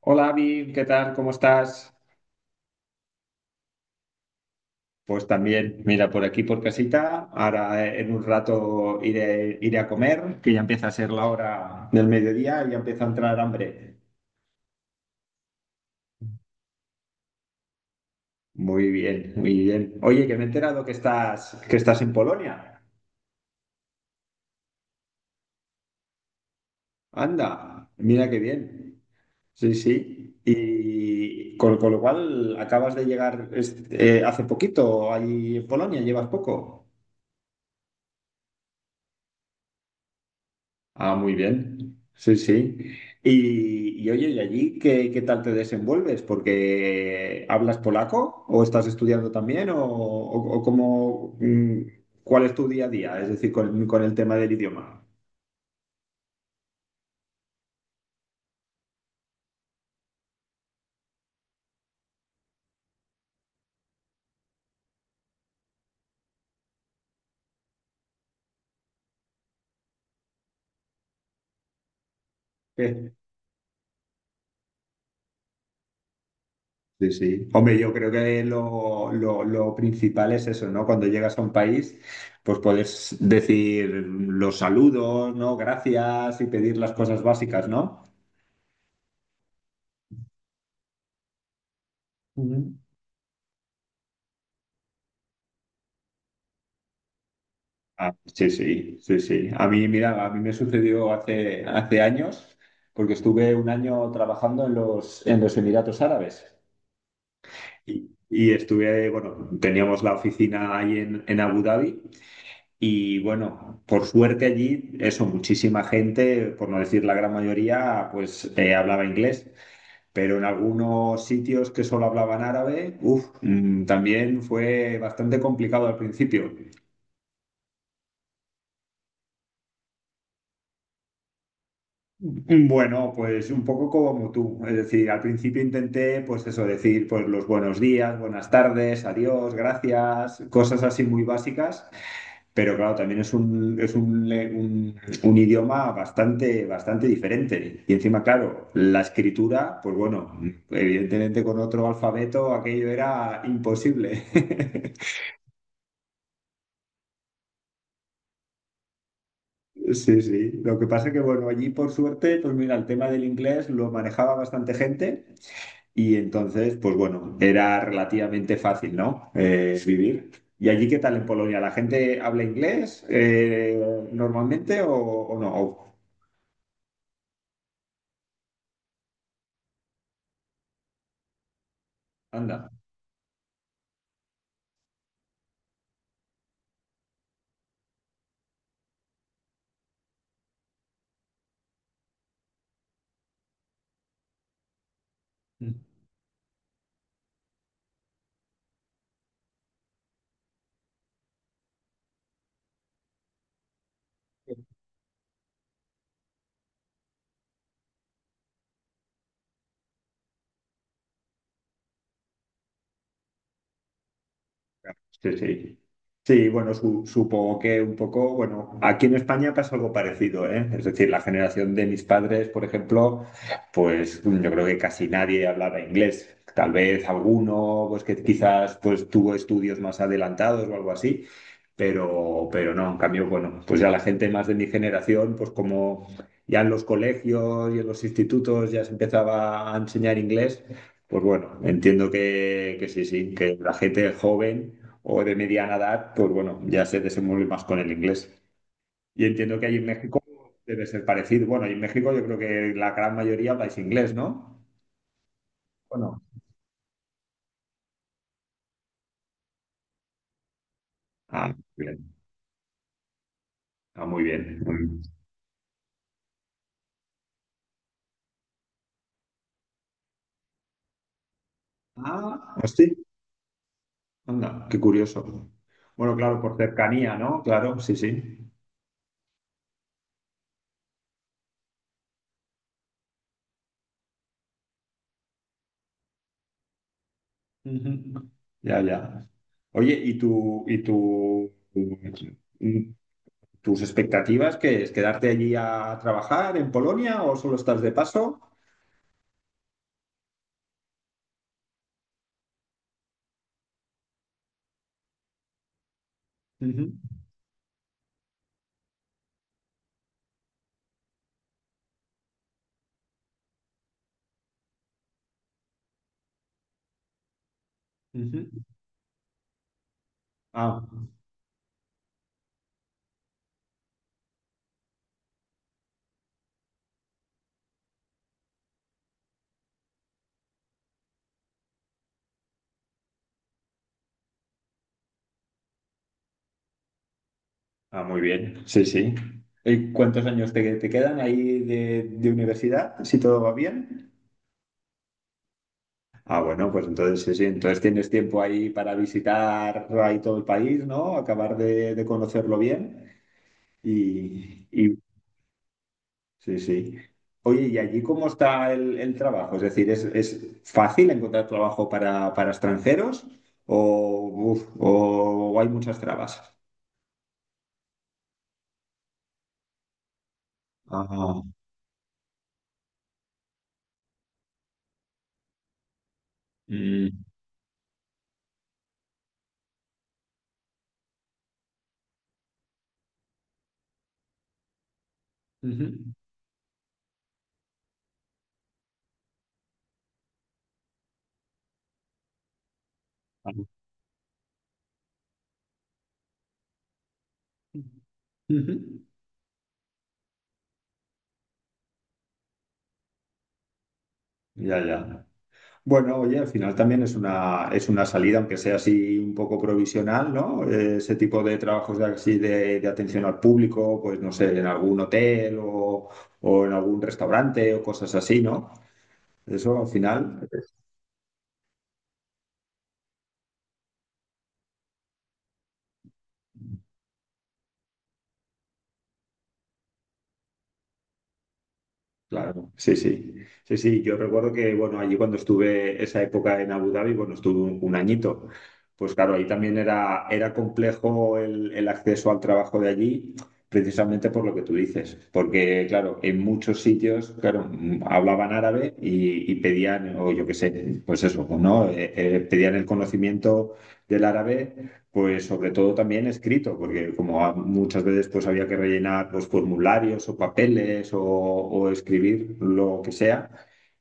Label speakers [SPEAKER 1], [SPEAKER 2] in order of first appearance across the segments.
[SPEAKER 1] Hola, Avi, ¿qué tal? ¿Cómo estás? Pues también, mira, por aquí por casita. Ahora en un rato iré a comer, que ya empieza a ser la hora del mediodía y ya empieza a entrar hambre. Muy bien, muy bien. Oye, que me he enterado que estás en Polonia. Anda, mira qué bien. Sí, sí. Y con lo cual acabas de llegar hace poquito ahí en Polonia, llevas poco. Ah, muy bien. Sí, sí. Y oye, ¿y allí qué, qué tal te desenvuelves? Porque ¿hablas polaco o estás estudiando también o, o cómo, cuál es tu día a día? Es decir, con el tema del idioma. Eh, Sí, sí. Hombre, yo creo que lo principal es eso, ¿no? Cuando llegas a un país, pues puedes decir los saludos, ¿no? Gracias y pedir las cosas básicas, ¿no? Ah, sí, sí, sí, sí. A mí, mira, a mí me sucedió hace años, porque estuve un año trabajando en los Emiratos Árabes. Y estuve, bueno, teníamos la oficina ahí en Abu Dhabi y bueno, por suerte allí, eso, muchísima gente, por no decir la gran mayoría, pues hablaba inglés. Pero en algunos sitios que solo hablaban árabe, uf, también fue bastante complicado al principio. Bueno, pues un poco como tú, es decir, al principio intenté, pues eso, decir, pues los buenos días, buenas tardes, adiós, gracias, cosas así muy básicas, pero claro, también es un, es un idioma bastante, bastante diferente. Y encima, claro, la escritura, pues bueno, evidentemente con otro alfabeto aquello era imposible. Sí, sí. Lo que pasa que, bueno, allí por suerte, pues mira, el tema del inglés lo manejaba bastante gente. Y entonces, pues bueno, era relativamente fácil, ¿no? Vivir. ¿Y allí qué tal en Polonia? ¿La gente habla inglés normalmente o no? Anda. Sí, sí. Sí, bueno, supongo que un poco, bueno, aquí en España pasa algo parecido, ¿eh? Es decir, la generación de mis padres, por ejemplo, pues yo creo que casi nadie hablaba inglés. Tal vez alguno, pues que quizás pues tuvo estudios más adelantados o algo así, pero no, en cambio, bueno, pues ya la gente más de mi generación, pues como ya en los colegios y en los institutos ya se empezaba a enseñar inglés. Pues bueno, entiendo que sí, sí, que la gente joven o de mediana edad, pues bueno, ya se desenvuelve más con el inglés. Y entiendo que ahí en México debe ser parecido. Bueno, y en México yo creo que la gran mayoría habláis inglés, ¿no? ¿O no? Ah, muy bien. Ah, muy bien. Mm. Ah, pues sí. Anda, qué curioso. Bueno, claro, por cercanía, ¿no? Claro, sí, sí. Ujú. Ya, ya. Oye, ¿y tus expectativas qué es? ¿Quedarte allí a trabajar en Polonia o solo estás de paso? Ujú, ujú. Ah, ah, muy bien, sí, sí. ¿Y cuántos años te quedan ahí de universidad, si todo va bien? Ah, bueno, pues entonces sí, sí, entonces tienes tiempo ahí para visitar ahí todo el país, ¿no? Acabar de conocerlo bien y, y- sí, sí. Oye, ¿y allí cómo está el trabajo? Es decir, es fácil encontrar trabajo para extranjeros o, uf, o hay muchas trabas? Ah, mm, ujú. Vale. Ujú. Ya, ya. Bueno, oye, al final también es una salida, aunque sea así un poco provisional, ¿no? Ese tipo de trabajos de, así de atención al público, pues no sé, en algún hotel o en algún restaurante o cosas así, ¿no? Eso al final. Claro, sí, sí, sí, sí. Yo recuerdo que, bueno, allí cuando estuve esa época en Abu Dhabi, bueno, estuve un añito. Pues claro, ahí también era, era complejo el acceso al trabajo de allí, precisamente por lo que tú dices. Porque, claro, en muchos sitios, claro, hablaban árabe y pedían, o yo qué sé, pues eso, ¿no? Pedían el conocimiento del árabe pues sobre todo también escrito, porque como muchas veces pues había que rellenar los formularios o papeles o escribir lo que sea,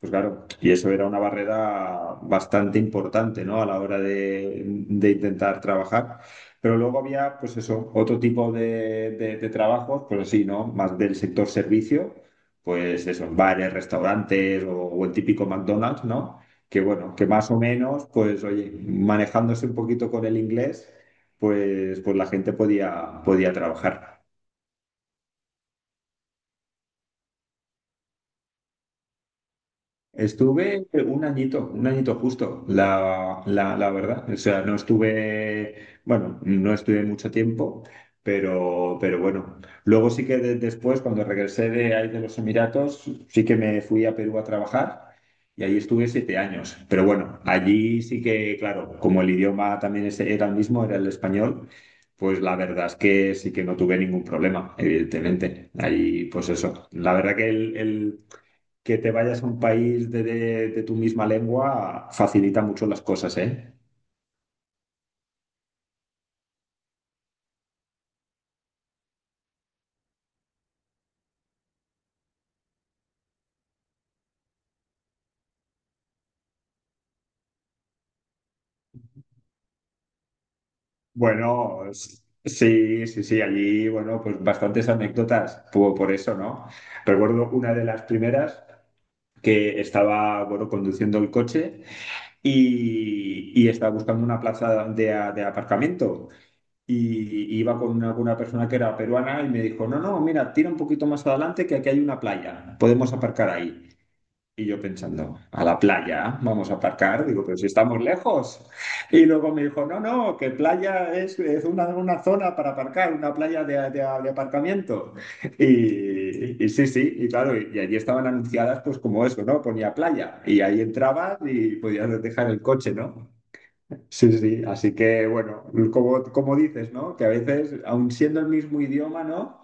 [SPEAKER 1] pues claro, y eso era una barrera bastante importante, ¿no? A la hora de intentar trabajar. Pero luego había, pues eso, otro tipo de, de trabajos, pues así, ¿no? Más del sector servicio, pues eso, en bares, restaurantes o el típico McDonald's, ¿no? Que bueno, que más o menos, pues oye, manejándose un poquito con el inglés, pues la gente podía, podía trabajar. Estuve un añito justo, la verdad. O sea, no estuve, bueno, no estuve mucho tiempo, pero bueno. Luego sí que después, cuando regresé de ahí de los Emiratos, sí que me fui a Perú a trabajar y allí estuve siete años. Pero bueno, allí sí que, claro, como el idioma también era el mismo, era el español, pues la verdad es que sí que no tuve ningún problema, evidentemente. Ahí, pues eso. La verdad que el que te vayas a un país de, de tu misma lengua facilita mucho las cosas, ¿eh? Bueno, sí, sí, sí, allí, bueno, pues bastantes anécdotas por eso, ¿no? Recuerdo una de las primeras que estaba, bueno, conduciendo el coche y estaba buscando una plaza de, de aparcamiento. Y iba con una persona que era peruana y me dijo, no, no, mira, tira un poquito más adelante que aquí hay una playa, podemos aparcar ahí. Y yo pensando, a la playa, vamos a aparcar. Digo, pero si estamos lejos. Y luego me dijo, no, no, que playa es una zona para aparcar, una playa de, de aparcamiento. Y sí, sí, y claro, y allí estaban anunciadas, pues como eso, ¿no? Ponía playa. Y ahí entrabas y podías dejar el coche, ¿no? Sí, sí, así que bueno, como, como dices, ¿no? Que a veces, aun siendo el mismo idioma, ¿no?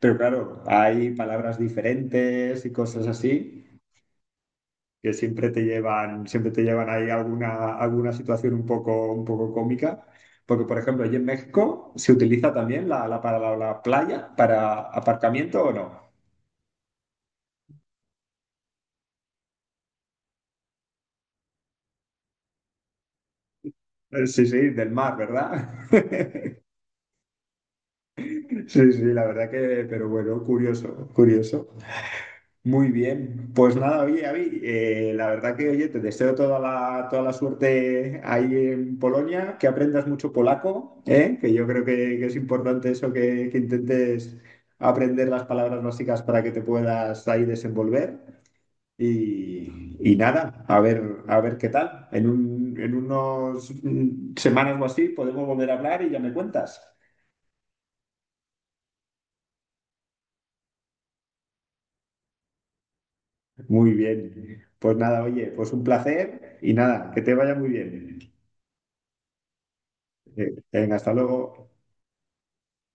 [SPEAKER 1] Pero claro, hay palabras diferentes y cosas así que siempre te llevan ahí alguna, alguna situación un poco cómica. Porque, por ejemplo, allí en México se utiliza también para la playa para aparcamiento o no. Sí, sí, del mar, ¿verdad? Sí, sí, la verdad que, pero bueno, curioso, curioso. Muy bien, pues nada, oye, Avi, la verdad que, oye, te deseo toda la suerte ahí en Polonia, que aprendas mucho polaco, ¿eh? Que yo creo que es importante eso, que intentes aprender las palabras básicas para que te puedas ahí desenvolver. Y nada, a ver qué tal. En un, en unos semanas o así podemos volver a hablar y ya me cuentas. Muy bien, pues nada, oye, pues un placer y nada, que te vaya muy bien. Venga, hasta luego.